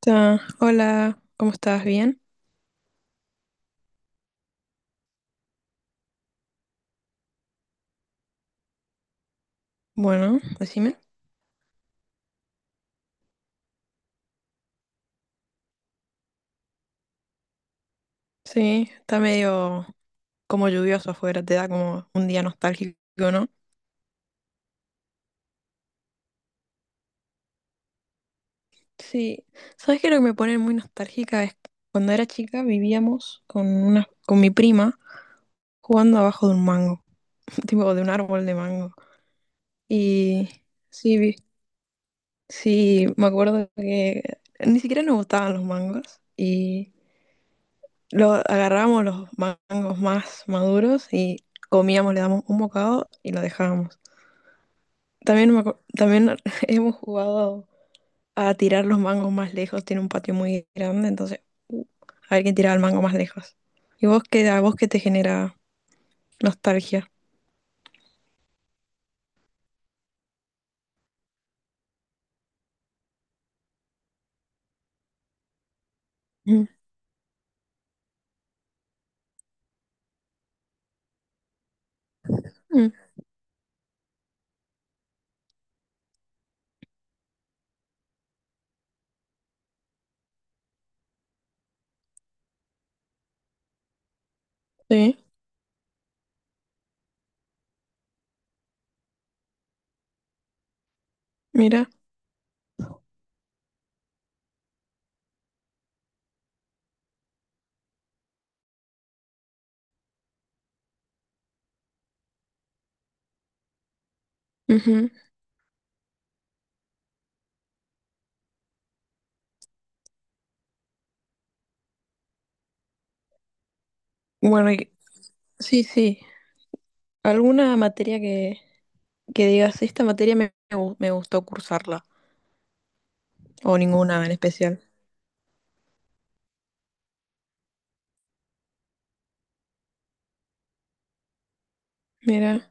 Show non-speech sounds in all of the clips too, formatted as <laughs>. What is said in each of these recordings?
Ta, hola, ¿cómo estás? ¿Bien? Bueno, decime. Sí, está medio como lluvioso afuera, te da como un día nostálgico, ¿no? Sí, ¿sabes qué? Es Lo que me pone muy nostálgica es cuando era chica vivíamos con mi prima jugando abajo de un mango, <laughs> tipo de un árbol de mango. Y sí, sí, me acuerdo que ni siquiera nos gustaban los mangos y lo agarrábamos los mangos más maduros y comíamos, le damos un bocado y lo dejábamos. También, también <laughs> hemos jugado a tirar los mangos más lejos, tiene un patio muy grande, entonces uh, a ver quién tiraba el mango más lejos. ¿Y a vos qué te genera nostalgia? Mm, mm, sí, mira. Ujú. Bueno, sí, sí. ¿Alguna materia que digas, esta materia me gustó cursarla? ¿O ninguna en especial? Mira.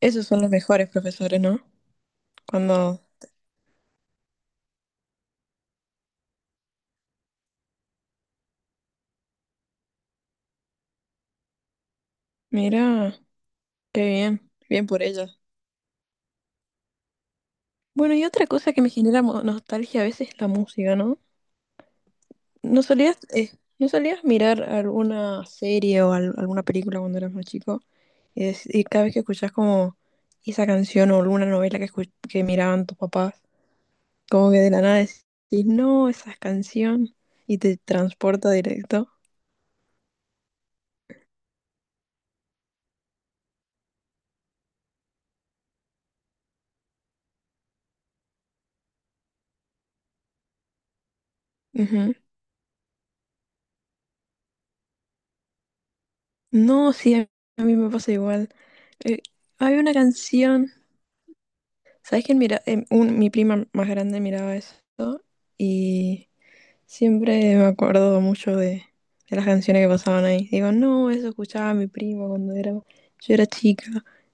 Esos son los mejores profesores, ¿no? Cuando, mira, qué bien, bien por ellos. Bueno, y otra cosa que me genera nostalgia a veces es la música, ¿no? ¿No solías, no solías mirar alguna serie o alguna película cuando eras más chico? Y, y cada vez que escuchás como esa canción o alguna novela que, que miraban tus papás, como que de la nada decís, no, esa canción, y te transporta directo. No, sí, a mí me pasa igual. Eh, hay una canción, ¿sabes quién mira? Mi prima más grande miraba eso y siempre me acuerdo mucho de las canciones que pasaban ahí. Digo, no, eso escuchaba mi primo cuando era, yo era chica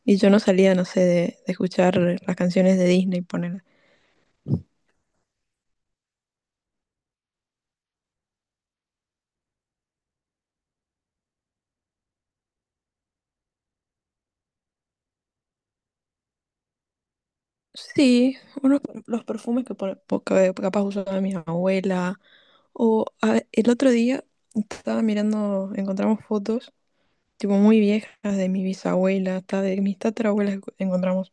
y yo no salía, no sé, de escuchar las canciones de Disney, poner. Sí, unos, los perfumes que, que capaz usaba mi abuela. O el otro día estaba mirando, encontramos fotos tipo muy viejas de mi bisabuela, hasta de mis tatarabuelas encontramos.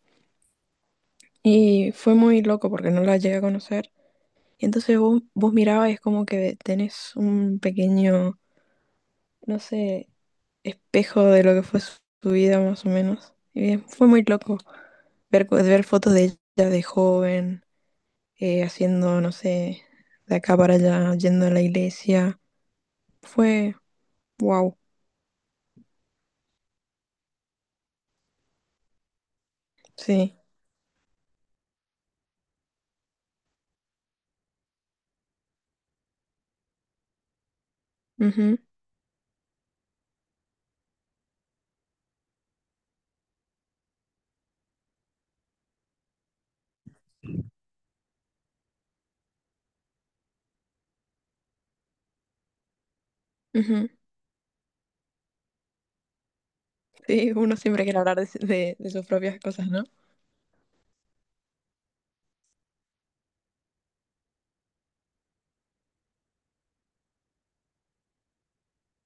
Y fue muy loco porque no la llegué a conocer. Y entonces vos, vos mirabas y es como que tenés un pequeño, no sé, espejo de lo que fue su, su vida más o menos. Y fue muy loco ver, ver fotos de ella de joven, haciendo, no sé, de acá para allá, yendo a la iglesia. Fue wow, sí. Ujú, ujú. Sí, uno siempre quiere hablar de, de sus propias cosas, ¿no?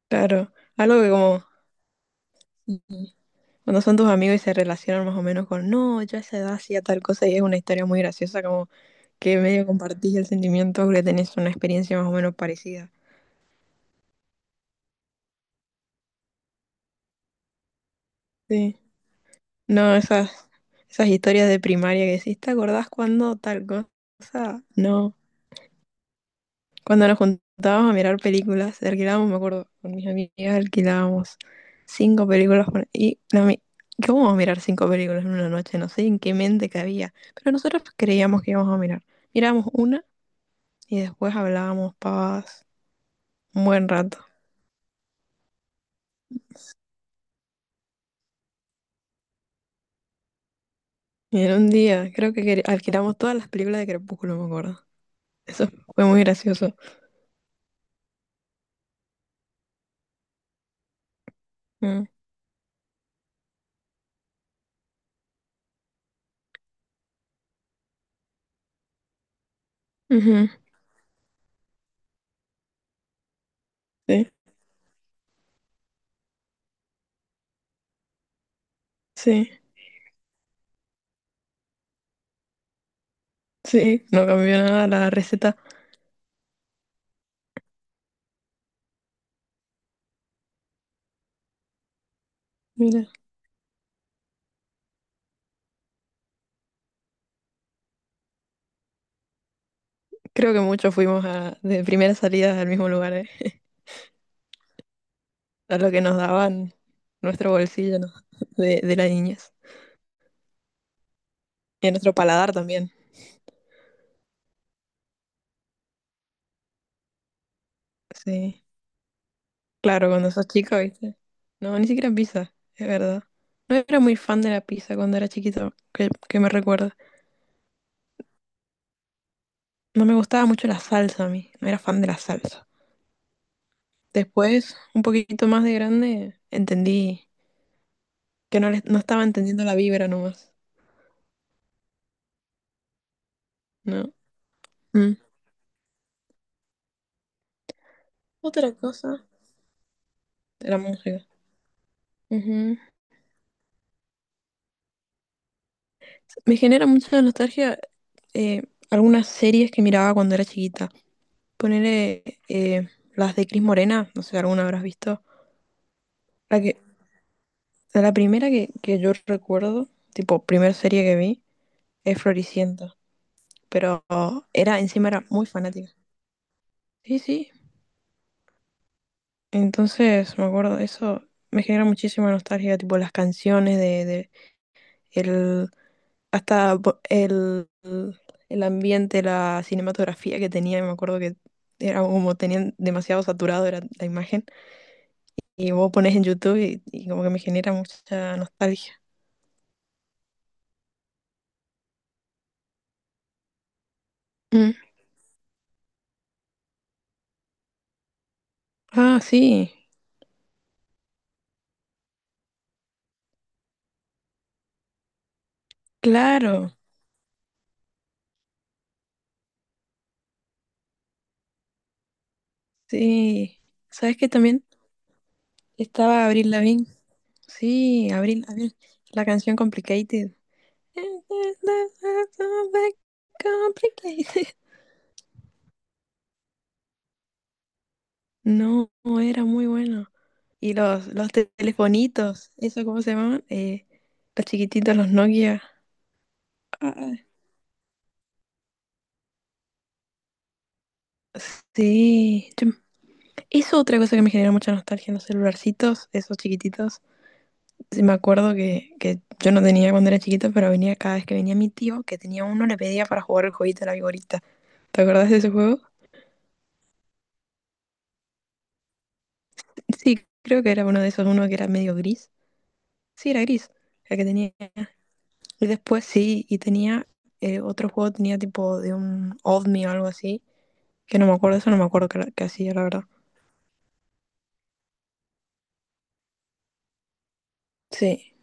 Claro, algo que como y- cuando son tus amigos y se relacionan más o menos con, no, yo a esa edad hacía tal cosa y es una historia muy graciosa, como que medio compartís el sentimiento porque tenés una experiencia más o menos parecida. Sí, no, esas, esas historias de primaria que decís, ¿te acordás cuando tal cosa? No. Cuando nos juntábamos a mirar películas, alquilábamos, me acuerdo, con mis amigas alquilábamos cinco películas. Y no, ¿qué vamos a mirar cinco películas en una noche? No sé en qué mente cabía, pero nosotros creíamos que íbamos a mirar. Mirábamos una y después hablábamos pavadas un buen rato. Y en un día creo que alquilamos todas las películas de Crepúsculo, me acuerdo. Eso fue muy gracioso. Mm, ujú, sí, sí, sí, no cambió nada la receta. Mira. Creo que muchos fuimos a, de primeras salidas al mismo lugar, ¿eh? <laughs> A lo que nos daban nuestro bolsillo, ¿no? <laughs> De la niñez. Y a nuestro paladar también. Sí. Claro, cuando sos chico, ¿viste? No, ni siquiera pizza, es verdad. No era muy fan de la pizza cuando era chiquito, que me recuerda. No me gustaba mucho la salsa a mí, no era fan de la salsa. Después, un poquito más de grande, entendí que no, no estaba entendiendo la vibra nomás, ¿no? Mm. Otra cosa. De la música. Me genera mucha nostalgia eh, algunas series que miraba cuando era chiquita. Poner las de Cris Morena, no sé, alguna habrás visto. La que, la primera que yo recuerdo, tipo, primera serie que vi, es Floricienta. Pero era, encima era muy fanática. Sí, sí. Entonces, me acuerdo, eso me genera muchísima nostalgia, tipo las canciones de el, hasta el ambiente, la cinematografía que tenía, me acuerdo que era como tenían demasiado saturado era la imagen. Y vos pones en YouTube y como que me genera mucha nostalgia. Mm. Ah, sí, claro, sí. ¿Sabes qué también? Estaba Avril Lavigne. Sí, Avril, Avril. La canción Complicated. <laughs> No, era muy bueno. Y los telefonitos, ¿eso cómo se llamaban? Los chiquititos, los Nokia. Ah, sí. Eso otra cosa que me genera mucha nostalgia, los celularcitos, esos chiquititos. Sí, me acuerdo que yo no tenía cuando era chiquito, pero venía cada vez que venía mi tío, que tenía uno, le pedía para jugar el jueguito de la vigorita. ¿Te acordás de ese juego? Sí, creo que era uno de esos, uno que era medio gris. Sí, era gris, el que tenía. Y después sí, y tenía otro juego, tenía tipo de un OVNI o algo así, que no me acuerdo, eso no me acuerdo qué, qué hacía, la verdad. Sí,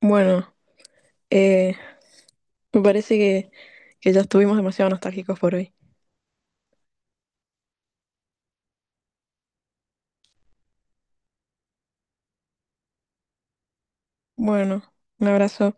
bueno, eh, me parece que ya estuvimos demasiado nostálgicos por hoy. Bueno, un abrazo.